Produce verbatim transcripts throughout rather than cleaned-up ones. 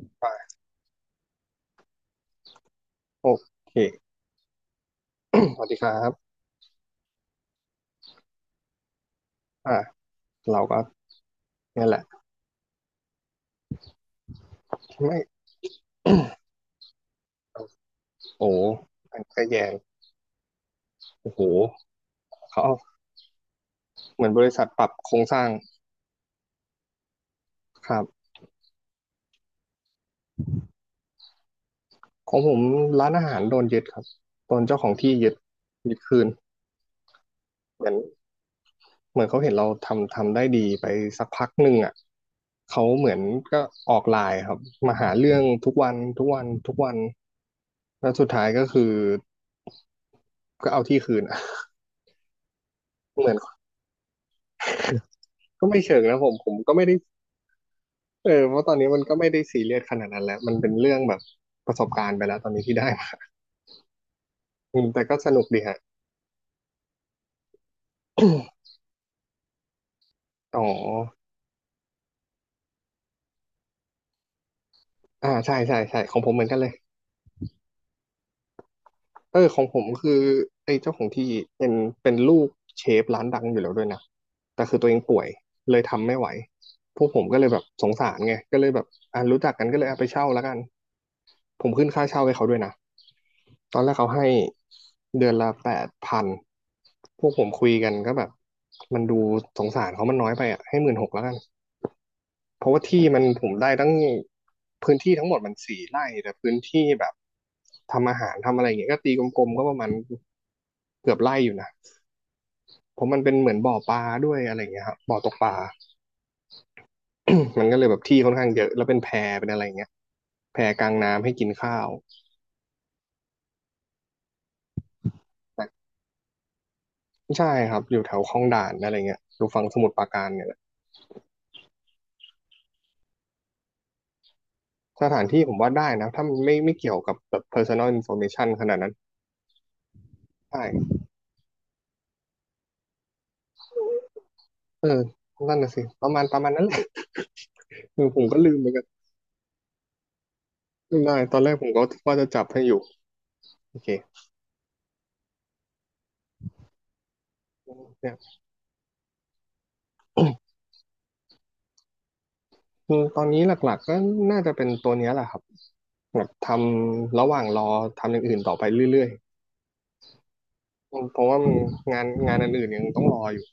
ไปโอเค สวัสดีครับอ่าเราก็เนี่ยแหละไม่ โอ้มันก็แยงโอ้โหเขาเอาเหมือนบริษัทปรับโครงสร้างครับของผมร้านอาหารโดนยึดครับโดนเจ้าของที่ยึดยึดคืนเหมือนเหมือนเขาเห็นเราทำทำได้ดีไปสักพักหนึ่งอ่ะเขาเหมือนก็ออกไลน์ครับมาหาเรื่องทุกวันทุกวันทุกวันแล้วสุดท้ายก็คือก็เอาที่คืนอะ เหมือนก็ไม่เชิงนะผมผมก็ไม่ได้ เออเพราะตอนนี้มันก็ไม่ได้ซีเรียสขนาดนั้นแล้วมันเป็นเรื่องแบบประสบการณ์ไปแล้วตอนนี้ที่ได้มา อืมแต่ก็สนุกดีฮะอ๋ออ่าใช่ใช่ใช่ของผมเหมือนกันเลยเออของผมคือไอ้เจ้าของที่เป็นเป็นลูกเชฟร้านดังอยู่แล้วด้วยนะแต่คือตัวเองป่วยเลยทำไม่ไหวพวกผมก็เลยแบบสงสารไงก็เลยแบบอ่ารู้จักกันก็เลยเอาไปเช่าแล้วกัน ผมขึ้นค่าเช่าให้เขาด้วยนะตอนแรกเขาให้เดือนละแปดพันพวกผมคุยกันก็แบบมันดูสงสารเขามันน้อยไปอ่ะให้หมื่นหกแล้วกันเพราะว่าที่มันผมได้ตั้งพื้นที่ทั้งหมดมันสี่ไร่แต่พื้นที่แบบทำอาหารทำอะไรอย่างเงี้ยก็ตีกลมๆก็ประมาณเกือบไร่อยู่นะเพราะมันเป็นเหมือนบ่อปลาด้วยอะไรอย่างเงี้ยครับบ่อตกปลา มันก็เลยแบบที่ค่อนข้างเยอะแล้วเป็นแพเป็นอะไรอย่างเงี้ยแพกลางน้ำให้กินข้าว ใช่ครับอยู่แถวคลองด่านอะไรเงี้ยอยู่ฝั่งสมุทรปราการเนี่ยแหละสถานที่ผมว่าได้นะถ้ามันไม่ไม่เกี่ยวกับแบบ personal information ขนาดนั้นใช่เออนั่นน่ะสิประมาณประมาณนั้นแหละคือผมก็ลืมเหมือนกันได้ตอนแรกผมก็ว่าจะจับให้อยู่โอเคเนี่ยคือตอนนี้หลักๆก็น่าจะเป็นตัวเนี้ยแหละครับแบบทำระหว่างรอทำอย่างอื่นต่อไปเรื่อยๆเพราะว่ามันงานงานอันอื่นยังต้องรออยู่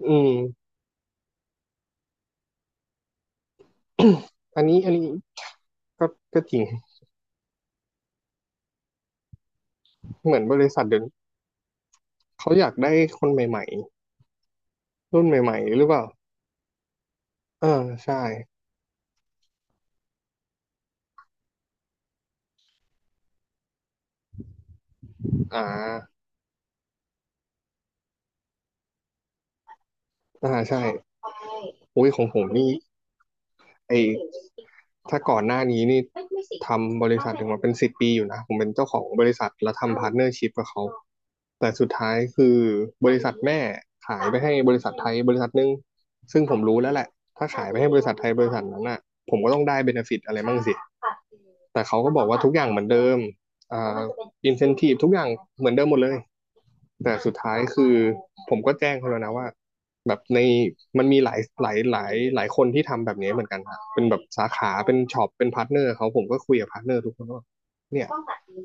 อืม อันนี้อันนี้ก็ก็จริงเหมือนบริษัทเดี๋ยวนี้เขาอยากได้คนใหม่ รุ่นใหม่ๆหรือเปล่าเออใช่อ่าอ่าใช่โอ้ยของผมนี่ไอถ้าก่อนหน้านี้นี่ทำบริษัทถึงมาเป็นสิบปีอยู่นะผมเป็นเจ้าของบริษัทแล้วทำพาร์ทเนอร์ชิพกับเขาแต่สุดท้ายคือบริษัทแม่ขายไปให้บริษัทไทยบริษัทหนึงซึ่งผมรู้แล้วแหละ ถ้าขายไปให้บริษัทไทยบริษัทนั้นน่ะผมก็ต้องได้เบเนฟิตอะไรบ้างสิ แต่เขาก็บอกว่าทุกอย่างเหมือนเดิมอ่าอินเซนทีฟทุกอย่างเหมือนเดิมหมดเลย แต่สุดท้ายคือผมก็แจ้งเขาแล้วนะว่าแบบในมันมีหลายหลายหลายหลายคนที่ทำแบบนี้เหมือนกันครับเป็นแบบสาขาเป็นช็อปเป็นพาร์ทเนอร์เขาผมก็คุยกับพาร์ทเนอร์ทุกคนว่าเนี่ย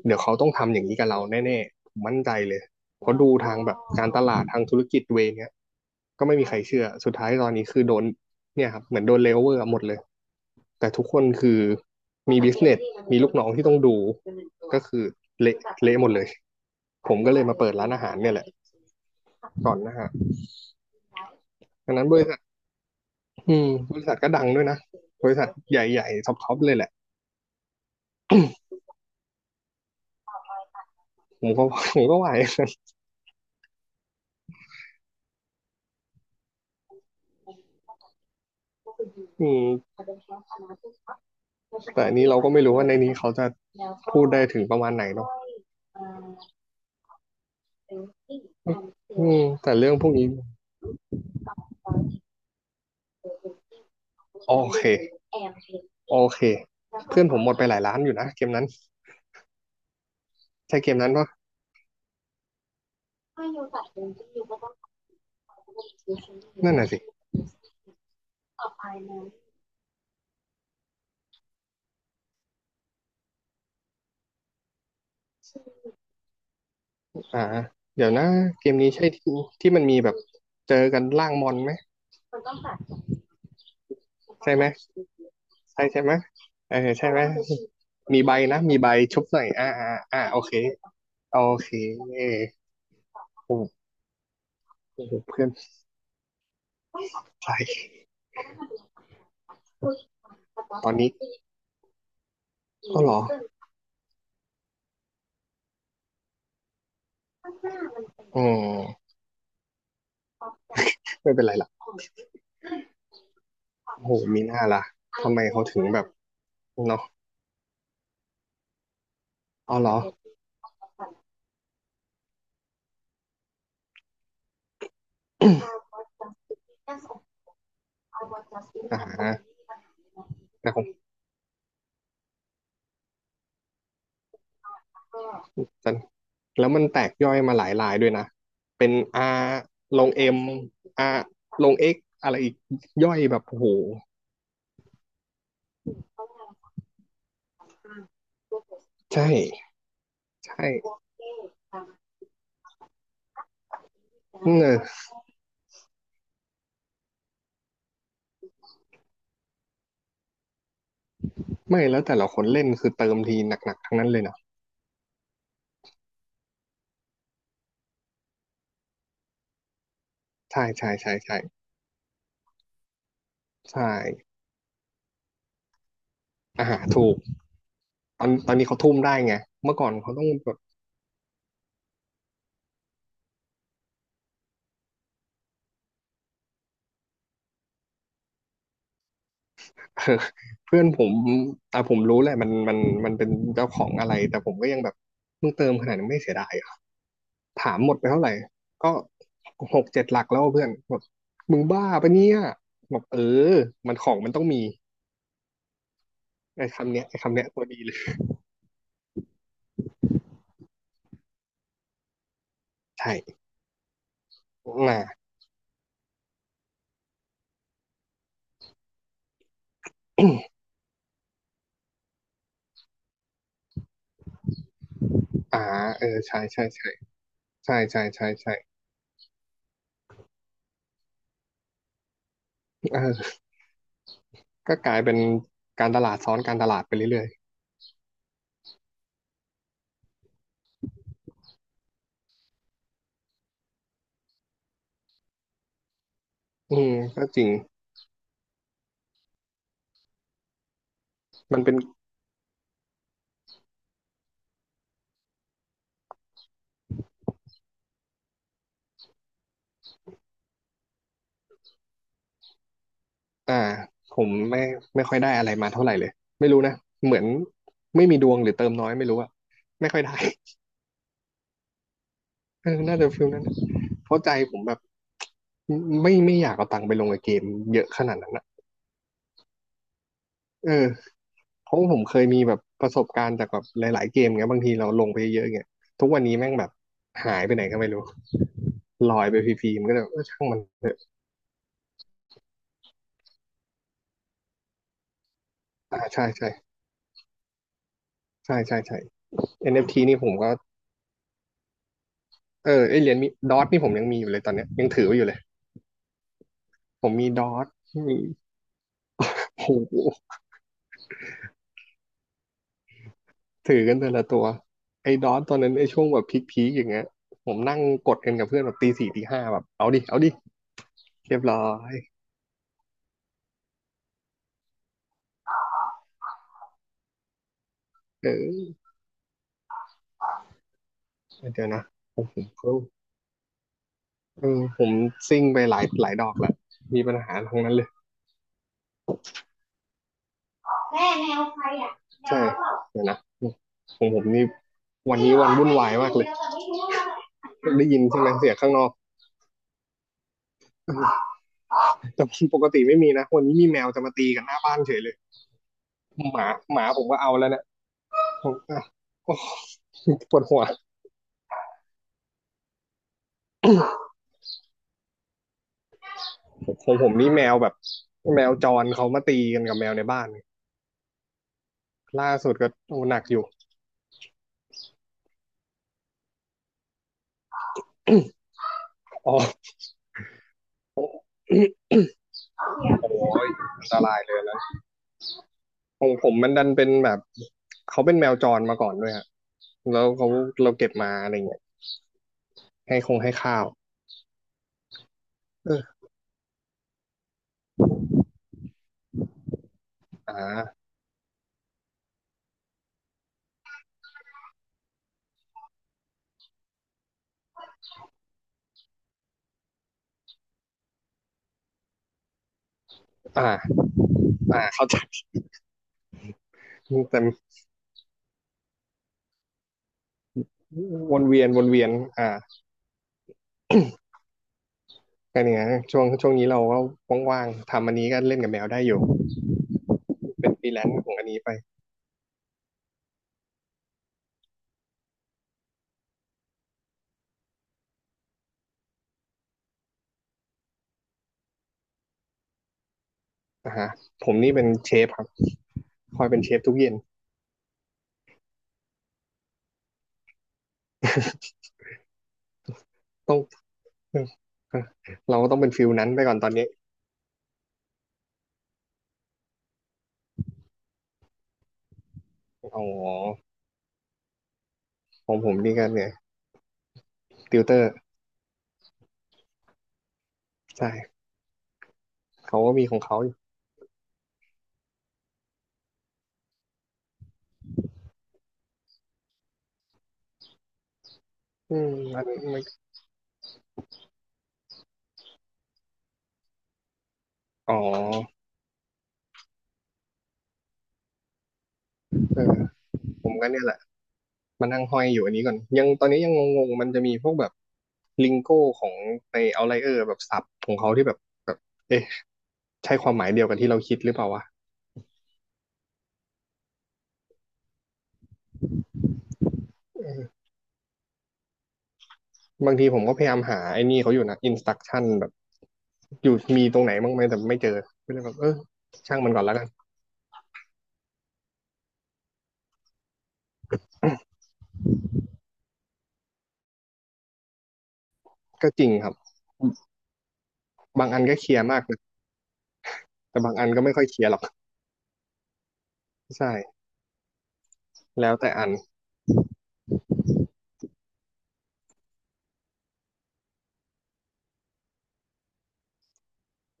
เดี๋ยวเขาต้องทำอย่างนี้กับเราแน่ๆผมมั่นใจเลยเพราะดูทางแบบการตลาดทางธุรกิจเวยเนี้ยก็ไม่มีใครเชื่อสุดท้ายตอนนี้คือโดนเนี่ยครับเหมือนโดนเลเวอร์หมดเลยแต่ทุกคนคือมีบิสเนสมีลูกน้องที่ต้องดูก็คือเละเละหมดเลย ผมก็เลยมาเปิดร้านอาหารเนี่ยแหละก่อนนะฮะดังนั้นบริษัทอืมบริษัทก็ดังด้วยนะบริษัทใหญ่ๆท็อปๆเลยแหละผมก็ผมก็ไหวอืมแต่อันนี้เราก็ไม่รู้ว่าในนี้เขาจะพูดได้ถึงประมาณไหนเนาะอืมแต่เรื่องพวกนี้ โอเค โอเค เพื่อนผมหมดไปหลายล้านอยู่นะเกมนั้นใช่เกมนั้นปะนั่นน่ะสิอ่าเดี๋ยวนะ เกมนี้ใช่ที่ที่มันมีแบบเจอกันล่างมอนไหม ใช่ไหมใช่ใช่ไหมเออใช่ไหมมีใบนะมีใบชุบหน่อยอ่าอ่าอ่าโอเคโอเคโอ้เพื่อนใครตอนนี้ก็หรออืมไม่เป็นไรล่ะโอ้โหมีหน้าล่ะทำไมเขาถึงแบบเนาะอ๋อเหรออ่าแต่ของจันแล้วมันแตกย่อยมาหลายลายด้วยนะเป็น R ลง M R ลง X อะไรอีกย่อยแบบโอ้โหใช่ ใช่เออไม่แล้วแต่ละคนเล่นคือเติมทีหนักๆทั้งนั้นเลยเนาะใช่ใช่ใช่ใช่ใช่อ่าถูกตอนตอนนี้เขาทุ่มได้ไงเมื่อก่อนเขาต้องแบบ เออเพื่อนผมอ่ะผมรู้แหละมันมันมันเป็นเจ้าของอะไรแต่ผมก็ยังแบบมึงเติมขนาดนี้ไม่เสียดายเหรอถามหมดไปเท่าไหร่ก็หกเจ็ดหลักแล้วเพื่อนแบบมึงบ้าปะเนี่ยบอกเออมันของมันต้องมีไอ้คำเนี้ยไอ้คำเนี้ยตัวดีเลยใช่อ่าอ่าเออใช่ใช่ใช่ใช่ใช่ใช่ใช่ เออก็กลายเป็นการตลาดซ้อนการตลาดไปเรื่อยๆอืมก็จริงมันเป็นอ่าผมไม่ไม่ค่อยได้อะไรมาเท่าไหร่เลยไม่รู้นะ เหมือนไม่มีดวงหรือเติมน้อยไม่รู้อะไม่ค่อยได้ เออน่าจะฟิลนั้นนะเพราะใจผมแบบไม่ไม่อยากเอาตังค์ไปลงกับเกมเยอะขนาดนั้นนะเออเพราะว่าผมเคยมีแบบประสบการณ์จากแบบหลายๆเกมเงี้ยบางทีเราลงไปเยอะๆเงี้ยทุกวันนี้แม่งแบบหายไปไหนก็ไม่รู้ลอยไปฟรีๆมันก็เลยเออช่างมันอ่าใช่ใช่ใช่ใช่ใช่ เอ็น เอฟ ที นเอฟทีนี่ผมก็เออไอเหรียญมีดอทนี่ผมยังมีอยู่เลยตอนเนี้ยยังถือไว้อยู่เลยผมมีดอทมีโหถือกันแต่ละตัวไอ้ดอทตอนนั้นไอ้ช่วงแบบพีคๆอย่างเงี้ยผมนั่งกดกันกับเพื่อนแบบตีสี่ตีห้าแบบเอาดิเอาดิเรียบร้อยเออเดี๋ยวนะผมผมก็เออผมซิ่งไปหลายหลายดอกแล้วมีปัญหาทั้งนั้นเลยใช่เดี๋ยวนะของผมนี่วันนี้วันวุ่นวายมากเลยได้ยินใช่ไหมเสียงข้างนอกเออ แต่ ปกติไม่มีนะวันนี้มีแมวจะมาตีกันหน้าบ้านเฉยเลยหมาหมาผมก็เอาแล้วเนี่ย ผมปวดหัวผมผมนี่แมวแบบแมวจรเขามาตีกันกับแมวในบ้านล่าสุดก็โอ้หนักอยู่อ๋อ โอ้ยอันตรายเลยนะของผมมันดันเป็นแบบเขาเป็นแมวจรมาก่อนด้วยฮะแล้วเขาเราเก็บมาอะไรเงี้ยให้คงให้ข้าวเอออ่าอ่าอ่าเข้าใจ แต่วนเวียนวนเวียนอ่า ก็เนี่ยช่วงช่วงนี้เราก็ว่างๆทำอันนี้ก็เล่นกับแมวได้อยู่เป็นฟรีแลนซ์ของอันนี้ไปอ่าฮะผมนี่เป็นเชฟครับคอยเป็นเชฟทุกเย็น ต้องเราก็ต้องเป็นฟิลนั้นไปก่อนตอนนี้อ๋อของผมนี่ก็เนี่ยติวเตอร์ใช่เขาก็มีของเขาอยู่อืมมันไม่อ๋อเออผมก็เนี่ยแหละมานั่งห้อยอยู่อันนี้ก่อนยังตอนนี้ยังงงๆมันจะมีพวกแบบลิงโก้ของในเอาไลเออร์แบบศัพท์ของเขาที่แบบแบบเอ๊ะใช่ความหมายเดียวกันที่เราคิดหรือเปล่าวะ เออบางทีผมก็พยายามหาไอ้นี่เขาอยู่นะอินสต u ักชั่นแบบอยู่มีตรงไหนบ้างไหมแต่ไม่เจอก็เลยแบบเออช่างมันก่อนแล้วกันก็จริงครับบางอันก็เคลียร์มากนะแต่บางอันก็ไม่ค่อยเคลียร์หรอกใช่แล้วแต่อัน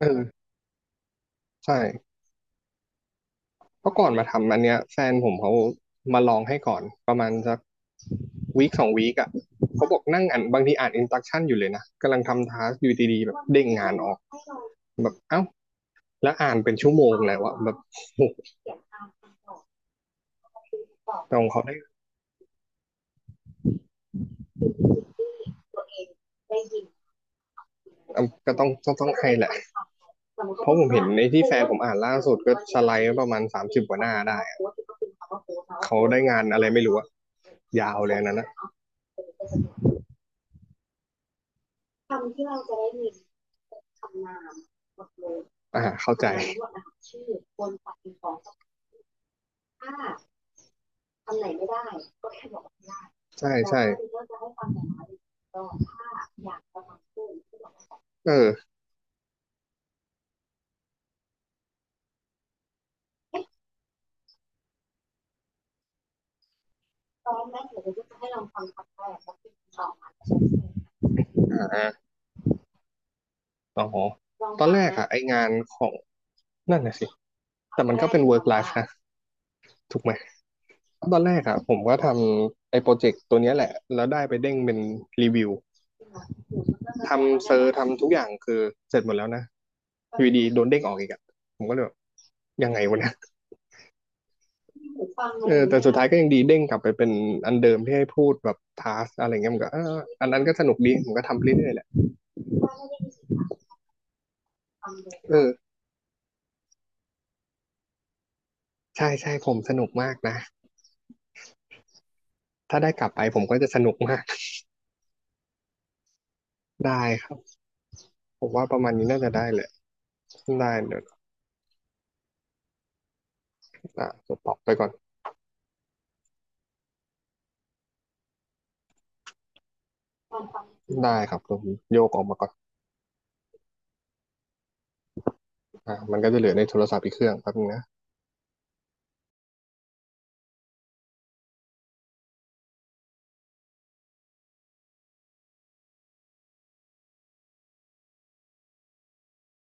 เออใช่เพราะก่อนมาทำอันเนี้ยแฟนผมเขามาลองให้ก่อนประมาณสักวีคสองวีคอ่ะเขาบอกนั่งอ่านบางทีอ่านอินสต u ั t ชั่นอยู่เลยนะกำลังทำทาสอยู่ดีๆแบบเด้งงานออกแบบเอ้าแล้วอ่านเป็นชั่วโมงแล้วอะแบบอโหตรงเขาได้ อ่ะก็ต้องต้องต้องให้แหละสมติเพเขาราะพูผดมเห็นานในที่โพแฟสนต์ว่าผมอ่านล่าสุดก็สไลด์ไว้ประมาณสามสิบกว่าหน้าได้อะแล้วเขาโพสได้ต์งานอะไรไม่รู้อะยาวเลยอันนั้นอะอ่าเข้าใจ ใช่แลใช่ใช่าเอออ่าอ๋อลตอนแรงกอะไองานของนั่นน่ะสิ แต่มันก็เป็กน work life นะถูกไหม ตอนแรกอะผมก็ทำไอ้โปรเจกต์ตัวเนี้ยแหละแล้วได้ไปเด้งเป็นรีวิว ทำเซอร์ทำทุกอย่างคือเสร็จหมดแล้วนะอยู่ดีโดนเด้งออกอีกอะผมก็เลยแบบยังไงวะเนี่ยเออแต่สุดท้ายก็ยังดีเด้งกลับไปเป็นอันเดิมที่ให้พูดแบบทาสอะไรเงี้ยมันก็เอออันนั้นก็สนุกดีผมก็ทำเรื่อยๆแหละเออใช่ใช่ผมสนุกมากนะถ้าได้กลับไปผมก็จะสนุกมากได้ครับผมว่าประมาณนี้น่าจะได้เลยได้เดี๋ยวอ่ะตอบไปก่อนได้ครับผมโยกออกมาก่อนอ่ะมันก็จะเหลือในโทรศัพท์อีกเครื่องแป๊บนึงนะ